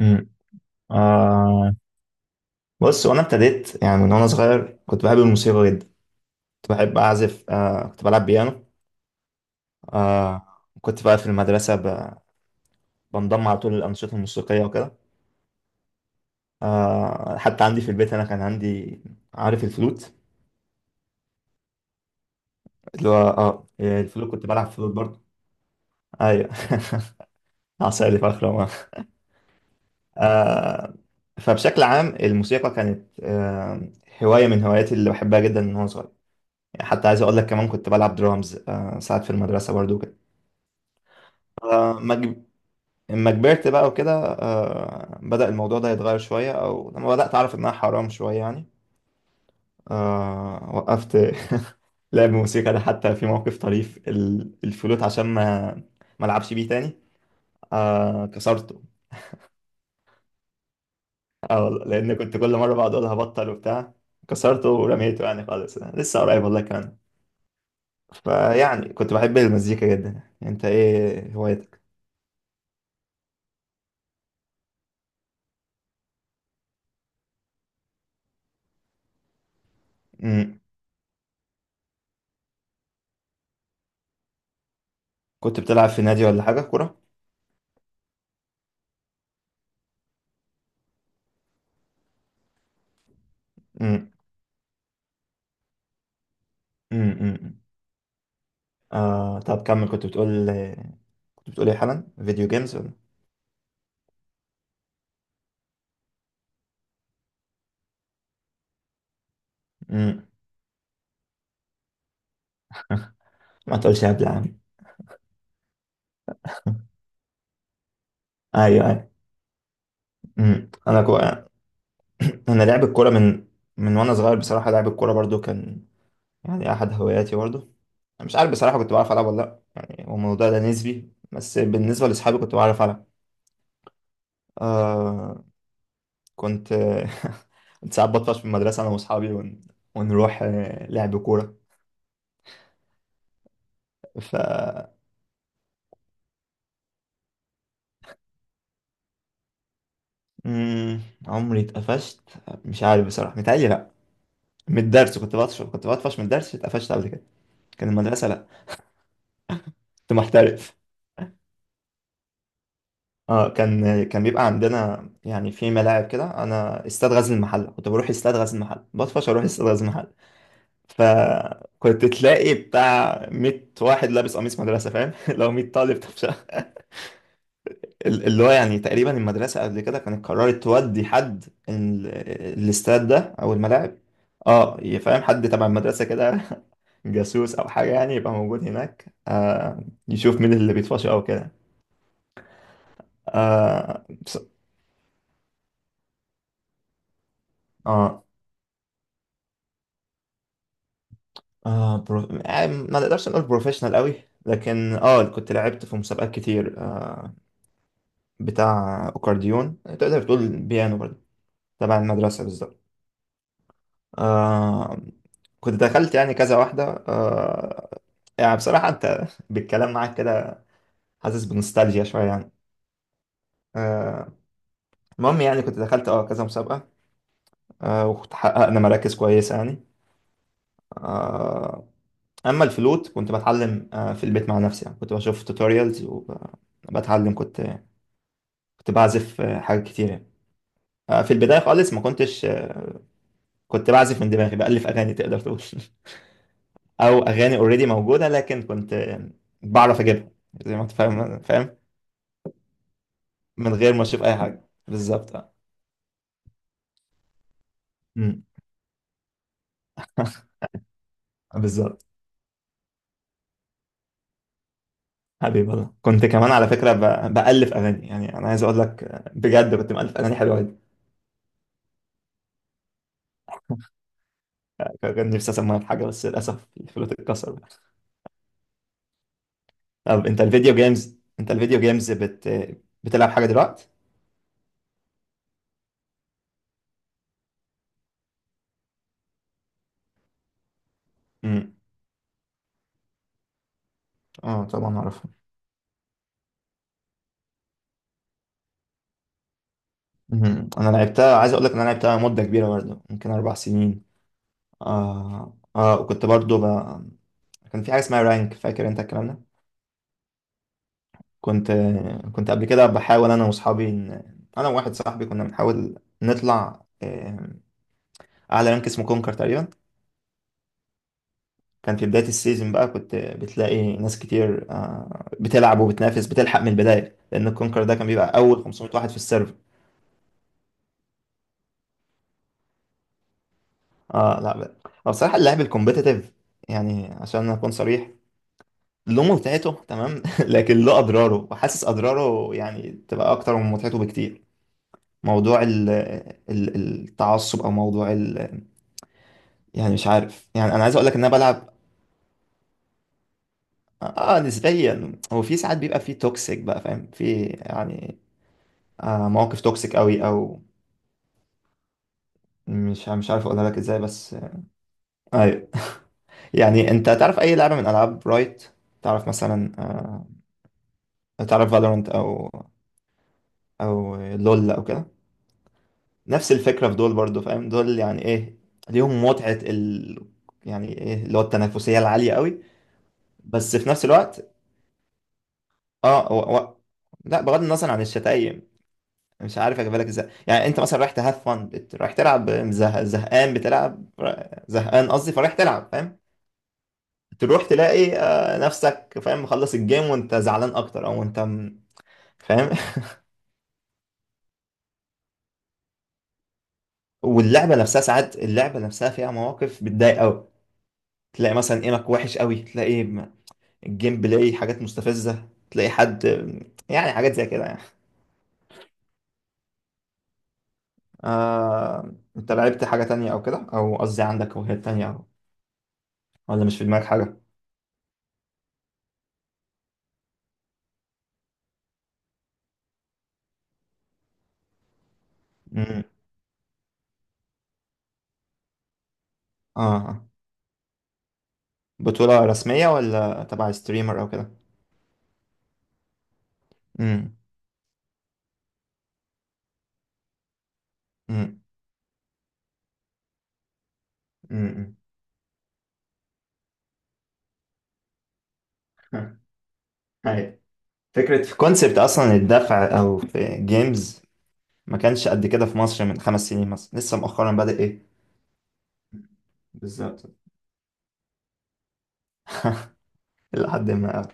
امم آه بص، وانا ابتديت يعني من وانا صغير كنت بحب الموسيقى جدا. كنت بحب اعزف، كنت بلعب بيانو. آه كنت بقى في المدرسه بنضم على طول الانشطه الموسيقيه وكده. حتى عندي في البيت انا كان عندي، عارف الفلوت؟ اللي هو الفلوت، كنت بلعب فلوت برضه. ايوه. عسالي فخرة. آه فبشكل عام الموسيقى كانت هوايه من هواياتي اللي بحبها جدا من وانا صغير يعني. حتى عايز اقول لك كمان كنت بلعب درامز، ساعات في المدرسه برضو. فما جب- لما كبرت بقى وكده، بدأ الموضوع ده يتغير شوية أو لما بدأت أعرف إنها حرام شوية يعني. وقفت لعب موسيقى. ده حتى في موقف طريف، الفلوت، عشان ما ألعبش بيه تاني، كسرته. والله، لأن كنت كل مرة بقعد أقول هبطل وبتاع. كسرته ورميته يعني خالص، لسه قريب والله كمان. فيعني كنت بحب المزيكا جدا يعني. أنت إيه هوايتك؟ مم. كنت بتلعب في نادي ولا حاجة كورة؟ مم. مم. مم. طب كمل، كنت بتقول، كنت بتقول ايه حالا، فيديو جيمز ولا؟ مم. ما تقولش قبل يا عم. ايوه ايوه. مم. انا كو... انا لعب الكوره من وانا صغير بصراحه، لعب الكوره برضو كان يعني احد هواياتي برضو. انا مش عارف بصراحه كنت بعرف العب ولا لا، يعني هو الموضوع ده نسبي، بس بالنسبه لاصحابي كنت بعرف العب. آه كنت كنت ساعات بطفش في المدرسه انا واصحابي ونروح لعب كوره. ف مم، عمري اتقفشت. مش عارف بصراحه، متهيألي لا. من الدرس كنت بطفش من الدرس، اتقفشت قبل كده كان؟ المدرسة لا، كنت محترف. اه، كان بيبقى عندنا يعني في ملاعب كده، انا استاد غزل المحله كنت بروح استاد غزل المحله، بطفش اروح استاد غزل المحله، فكنت تلاقي بتاع 100 واحد لابس قميص مدرسه فاهم، لو 100 طالب طفشه. اللي هو يعني تقريبا المدرسة قبل كده كانت قررت تودي حد، الاستاد ده أو الملاعب. اه، يفهم حد تبع المدرسة كده، جاسوس أو حاجة يعني، يبقى موجود هناك، يشوف مين اللي بيطفش أو كده. آه بس. اه، يعني ما نقدرش نقول بروفيشنال قوي لكن اه كنت لعبت في مسابقات كتير، بتاع أكورديون، تقدر تقول بيانو برضه. تبع المدرسة بالظبط. آه كنت دخلت يعني كذا واحدة. آه يعني بصراحة أنت بالكلام معاك كده حاسس بنوستالجيا شوية يعني. آه، المهم يعني كنت دخلت اه كذا مسابقة، وكنت حققنا مراكز كويسة يعني. آه أما الفلوت كنت بتعلم في البيت مع نفسي يعني، كنت بشوف توتوريالز وبتعلم. كنت بعزف حاجات كتير يعني. في البداية خالص ما كنتش، كنت بعزف من دماغي، بألف أغاني تقدر تقول. او اغاني اوريدي موجوده لكن كنت بعرف اجيبها زي ما انت فاهم. من غير ما اشوف اي حاجه بالظبط، اه. أمم. بالظبط. حبيبي والله كنت كمان على فكره بالف اغاني، يعني انا عايز اقول لك بجد كنت مالف اغاني حلوه جدا. كان نفسي اسميها في حاجه، بس للاسف الفلوت اتكسر. طب انت الفيديو جيمز، بتلعب حاجه دلوقتي؟ امم. اه طبعا اعرفها. أمم. انا لعبتها، عايز اقول لك ان انا لعبتها مده كبيره برضه، ممكن 4 سنين. اه اه، وكنت برضه كان في حاجة اسمها رانك، فاكر انت الكلام ده؟ كنت كنت قبل كده بحاول انا واصحابي، انا وواحد صاحبي كنا بنحاول نطلع، اعلى رانك اسمه كونكر تقريبا. كان في بداية السيزون بقى كنت بتلاقي ناس كتير، بتلعب وبتنافس بتلحق من البداية، لان الكونكر ده كان بيبقى اول 500 واحد في السيرفر. اه لا بقى. هو بصراحة اللعب الكومبيتيتيف، يعني عشان اكون صريح، له متعته تمام لكن له اضراره، وحاسس اضراره يعني تبقى اكتر من متعته بكتير. موضوع ال ال التعصب، او موضوع يعني مش عارف، يعني انا عايز اقول لك ان انا بلعب. اه، نسبيا هو في ساعات بيبقى في توكسيك بقى فاهم، في يعني مواقف توكسيك قوي، او مش عارف اقولها لك ازاي بس آه. ايوه. يعني انت تعرف اي لعبه من العاب رايت، تعرف مثلا، تعرف فالورنت او لول او كده، نفس الفكره في دول برضو، فاهم دول يعني ايه؟ ليهم متعه يعني ايه، اللي هو التنافسيه العاليه قوي. بس في نفس الوقت، اه و... و... لا بغض النظر عن الشتايم، مش عارف اجيبها لك ازاي، يعني انت مثلا رايح تهاف فن، رايح تلعب زهقان، بتلعب زهقان قصدي، فرايح تلعب فاهم. تروح تلاقي، نفسك فاهم مخلص الجيم وانت زعلان اكتر، او انت فاهم. واللعبه نفسها ساعات، اللعبه نفسها فيها مواقف بتضايق قوي، تلاقي مثلا ايمك وحش قوي، تلاقي الجيم بلاي حاجات مستفزه، تلاقي حد، يعني حاجات زي كده يعني. انت لعبت حاجه تانية او كده، او قصدي عندك هوايات تانية ولا مش في دماغك حاجة؟ امم. اه آه. بطولة رسمية ولا تبع ستريمر او كده؟ امم. امم. امم. هاي، فكرة في كونسبت اصلا الدفع، او في جيمز، ما كانش قد كده في مصر من 5 سنين مثلا، لسه مؤخرا بدأ ايه. بالظبط. لحد ما.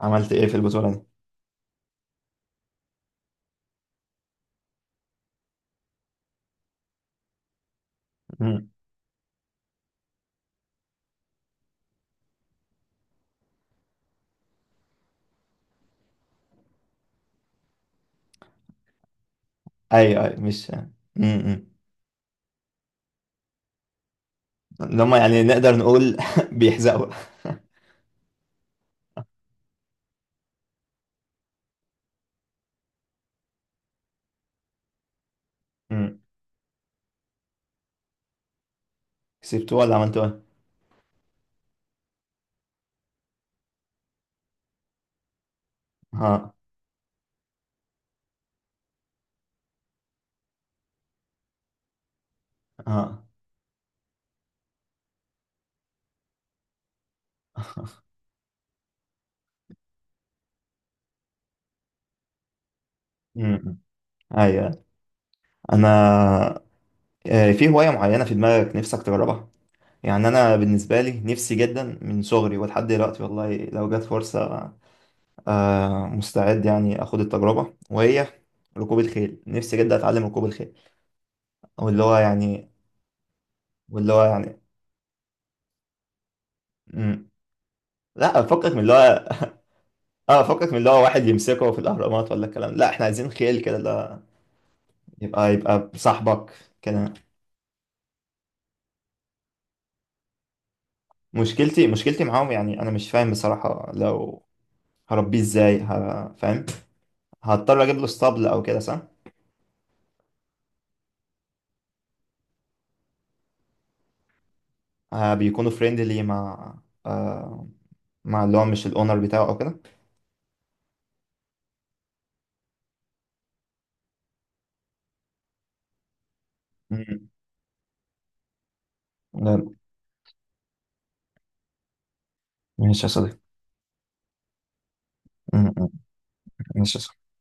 عملت ايه في البطولة دي؟ امم. ايوه ايوه مش، امم، اللي هم يعني نقدر نقول، بيحزقوا. امم. كسبتوه ولا عملتوا ايه؟ ها. ها. امم. ايوه. انا، في هواية معينة في دماغك نفسك تجربها؟ يعني أنا بالنسبة لي نفسي جدا من صغري ولحد دلوقتي، والله لو جت فرصة، مستعد يعني أخد التجربة، وهي ركوب الخيل. نفسي جدا أتعلم ركوب الخيل. واللي هو يعني واللي هو يعني. مم. لا فكك من اللي هو، اه فكك من اللي هو واحد يمسكه في الأهرامات ولا الكلام، لا احنا عايزين خيل كده، لا يبقى صاحبك كده. مشكلتي معاهم، يعني أنا مش فاهم بصراحة، لو هربيه ازاي، فاهم؟ هضطر اجيب له اسطبل او كده صح؟ بيكونوا فريندلي مع، آه مع اللي هو مش الاونر بتاعه او كده؟ مم. لا. ماشي يا صديقي. مم. مم. ماشي يا صديقي.